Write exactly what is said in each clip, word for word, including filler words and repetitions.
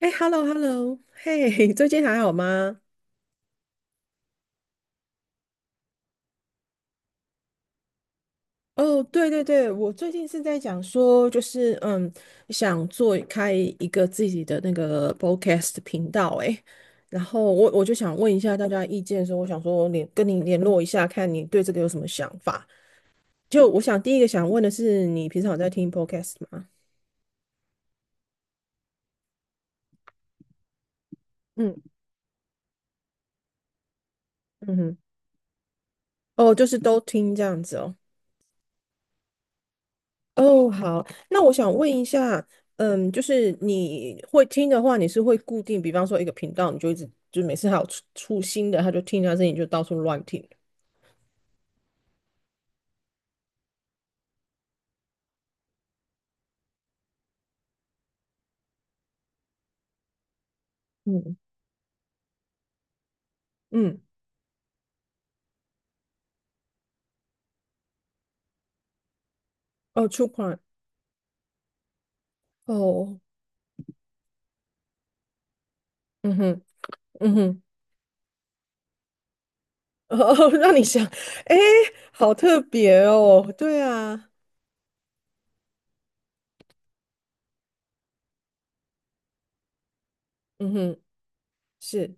哎，hello hello，嘿，最近还好吗？哦，对对对，我最近是在讲说，就是嗯，想做开一个自己的那个 podcast 频道，哎，然后我我就想问一下大家意见的时候我想说联跟你联络一下，看你对这个有什么想法。就我想第一个想问的是，你平常有在听 podcast 吗？嗯嗯哼，哦，就是都听这样子哦。哦，好，那我想问一下，嗯，就是你会听的话，你是会固定，比方说一个频道，你就一直就每次还有出出新的，他就听他声音就到处乱听。嗯嗯，哦出 r 哦，嗯哼，嗯哼，哦，让你想，诶，好特别哦，对啊，嗯哼，是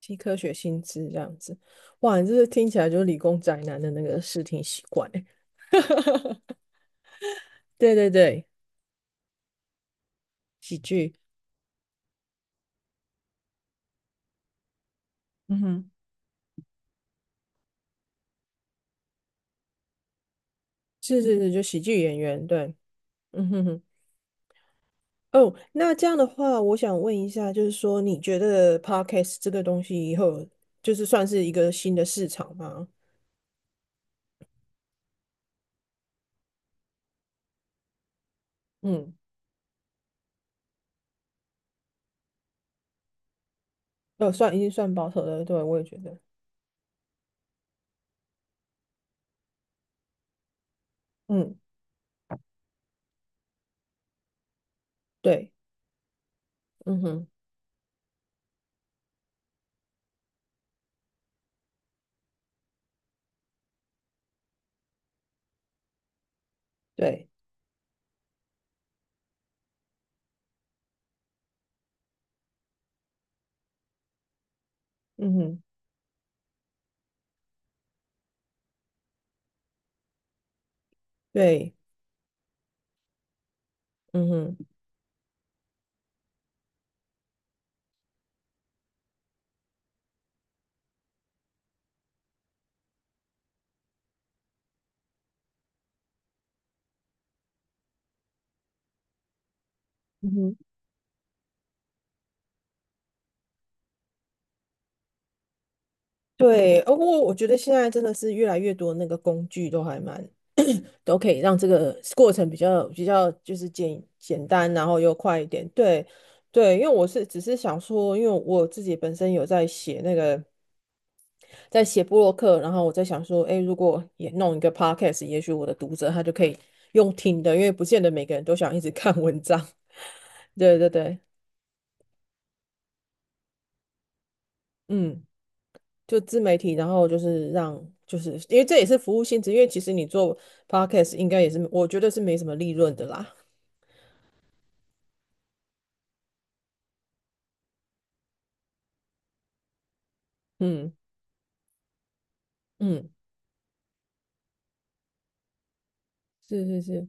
新科学新知这样子，哇，你这是听起来就是理工宅男的那个视听习惯欸，对对对，喜剧，嗯哼。是是是，就喜剧演员，对，嗯哼哼。哦，那这样的话，我想问一下，就是说，你觉得 podcast 这个东西以后就是算是一个新的市场吗？嗯，呃，算已经算保守了，对，我也觉得，嗯，对，嗯哼，对，嗯哼，对，嗯哼。嗯哼，对，呃不过我觉得现在真的是越来越多那个工具都还蛮都可以让这个过程比较比较就是简简单，然后又快一点。对，对，因为我是只是想说，因为我自己本身有在写那个在写布洛克，然后我在想说，哎，如果也弄一个 podcast，也许我的读者他就可以用听的，因为不见得每个人都想一直 看文章。对对对，嗯，就自媒体，然后就是让，就是因为这也是服务性质，因为其实你做 podcast 应该也是，我觉得是没什么利润的啦。嗯嗯，是是是，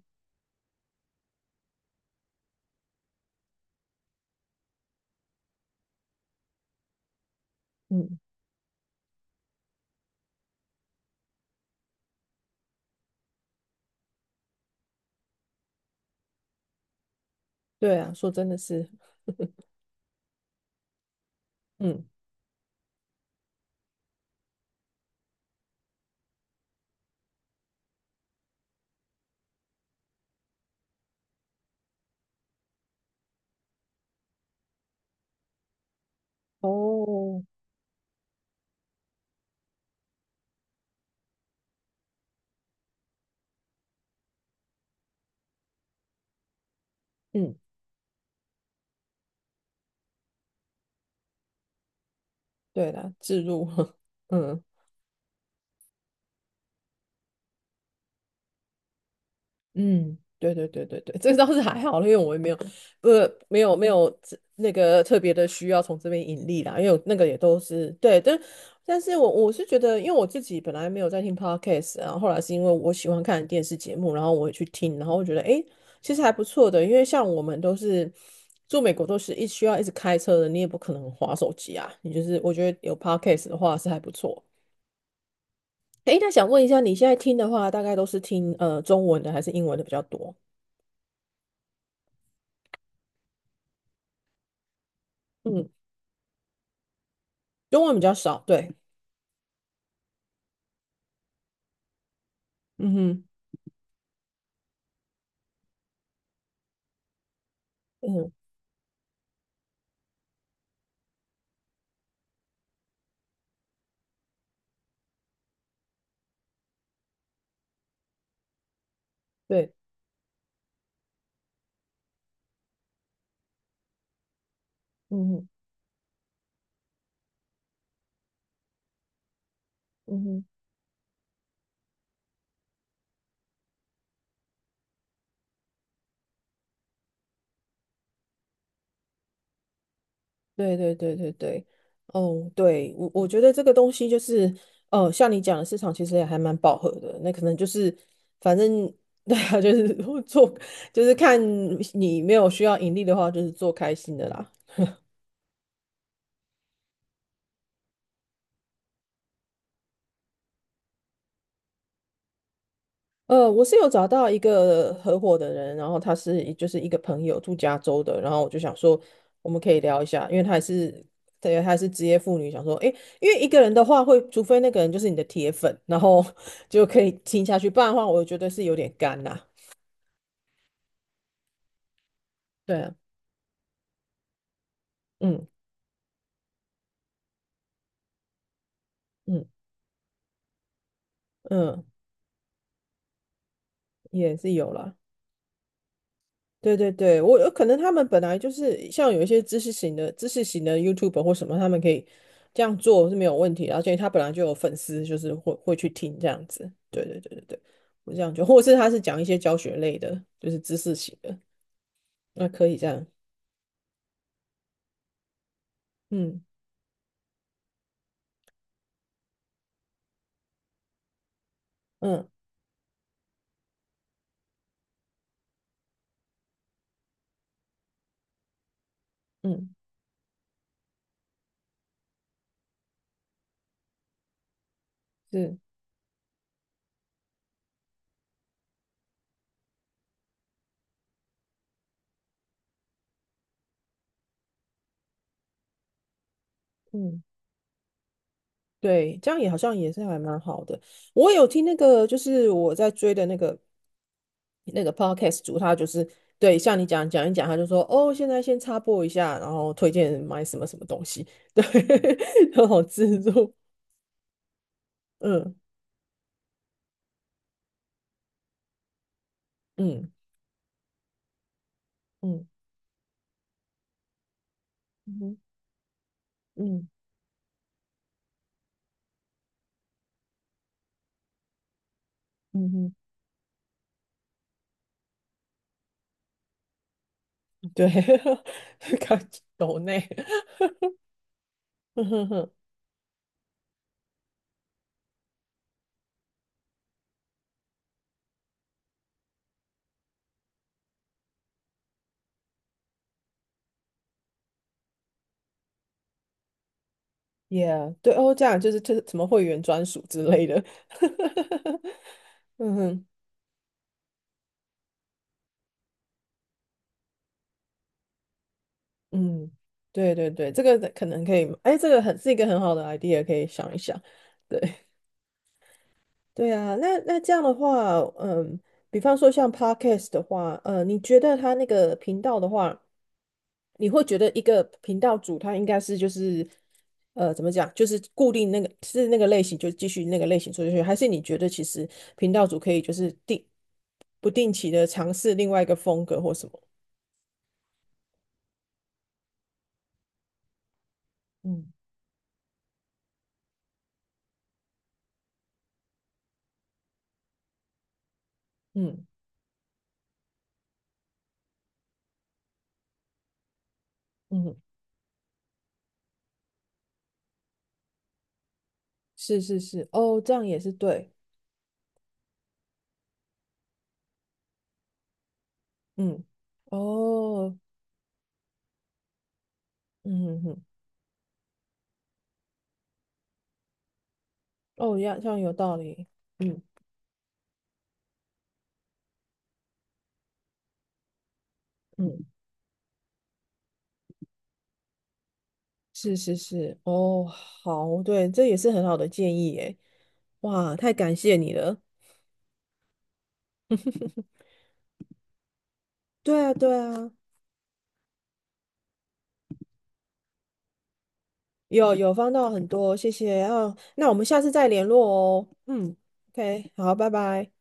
嗯。对啊，说真的是，嗯，哦，嗯，对了，置入，嗯。嗯，对对对对对，这个倒是还好了因为我也没有，呃，没有没有这那个特别的需要从这边盈利啦，因为我那个也都是对，但但是我我是觉得，因为我自己本来没有在听 podcast，然后后来是因为我喜欢看电视节目，然后我也去听，然后我觉得诶，其实还不错的，因为像我们都是住美国，都是一需要一直开车的，你也不可能划手机啊，你就是我觉得有 podcast 的话是还不错。诶，那想问一下，你现在听的话，大概都是听呃中文的还是英文的比较多？嗯中文比较少，对，嗯哼，嗯，对，嗯哼，嗯哼，对对对对对，哦，对，我我觉得这个东西就是，呃，像你讲的市场其实也还蛮饱和的，那可能就是，反正 对啊，就是做，就是看你没有需要盈利的话，就是做开心的啦。呃，我是有找到一个合伙的人，然后他是一就是一个朋友住加州的，然后我就想说我们可以聊一下，因为他也是对，他也是职业妇女，想说诶，因为一个人的话会，除非那个人就是你的铁粉，然后 就可以听下去，不然的话我觉得是有点干啦。对啊，嗯嗯嗯，也是有啦。对对对，我有可能他们本来就是像有一些知识型的、知识型的 YouTube 或什么，他们可以这样做是没有问题的而且他本来就有粉丝，就是会会去听这样子。对对对对对，我这样就，或者是他是讲一些教学类的，就是知识型的，那可以这样。嗯嗯嗯，是嗯，对，这样也好像也是还蛮好的。我有听那个，就是我在追的那个。那个 podcast 主他就是对，像你讲讲一讲，他就说哦，现在先插播一下，然后推荐买什么什么东西，对，很好自助，嗯嗯嗯嗯哼嗯嗯哼，对，感觉抖内，嗯哼哼，yeah，对哦，这样就是就是什么会员专属之类的，嗯哼嗯，对对对，这个可能可以，哎，这个很是一个很好的 idea，可以想一想。对。对啊，那那这样的话，嗯，比方说像 podcast 的话，呃，你觉得他那个频道的话，你会觉得一个频道主他应该是就是呃怎么讲，就是固定那个是那个类型就继续那个类型做下去，还是你觉得其实频道主可以就是定不定期的尝试另外一个风格或什么？嗯嗯嗯，是是是，哦，这样也是对，嗯，哦，嗯哼哼，哦，一样，这样有道理，嗯嗯。是是是，哦，好，对，这也是很好的建议诶。哇，太感谢你了。对啊，对啊，有有帮到很多，谢谢。啊，那我们下次再联络哦。嗯，OK，好，拜拜。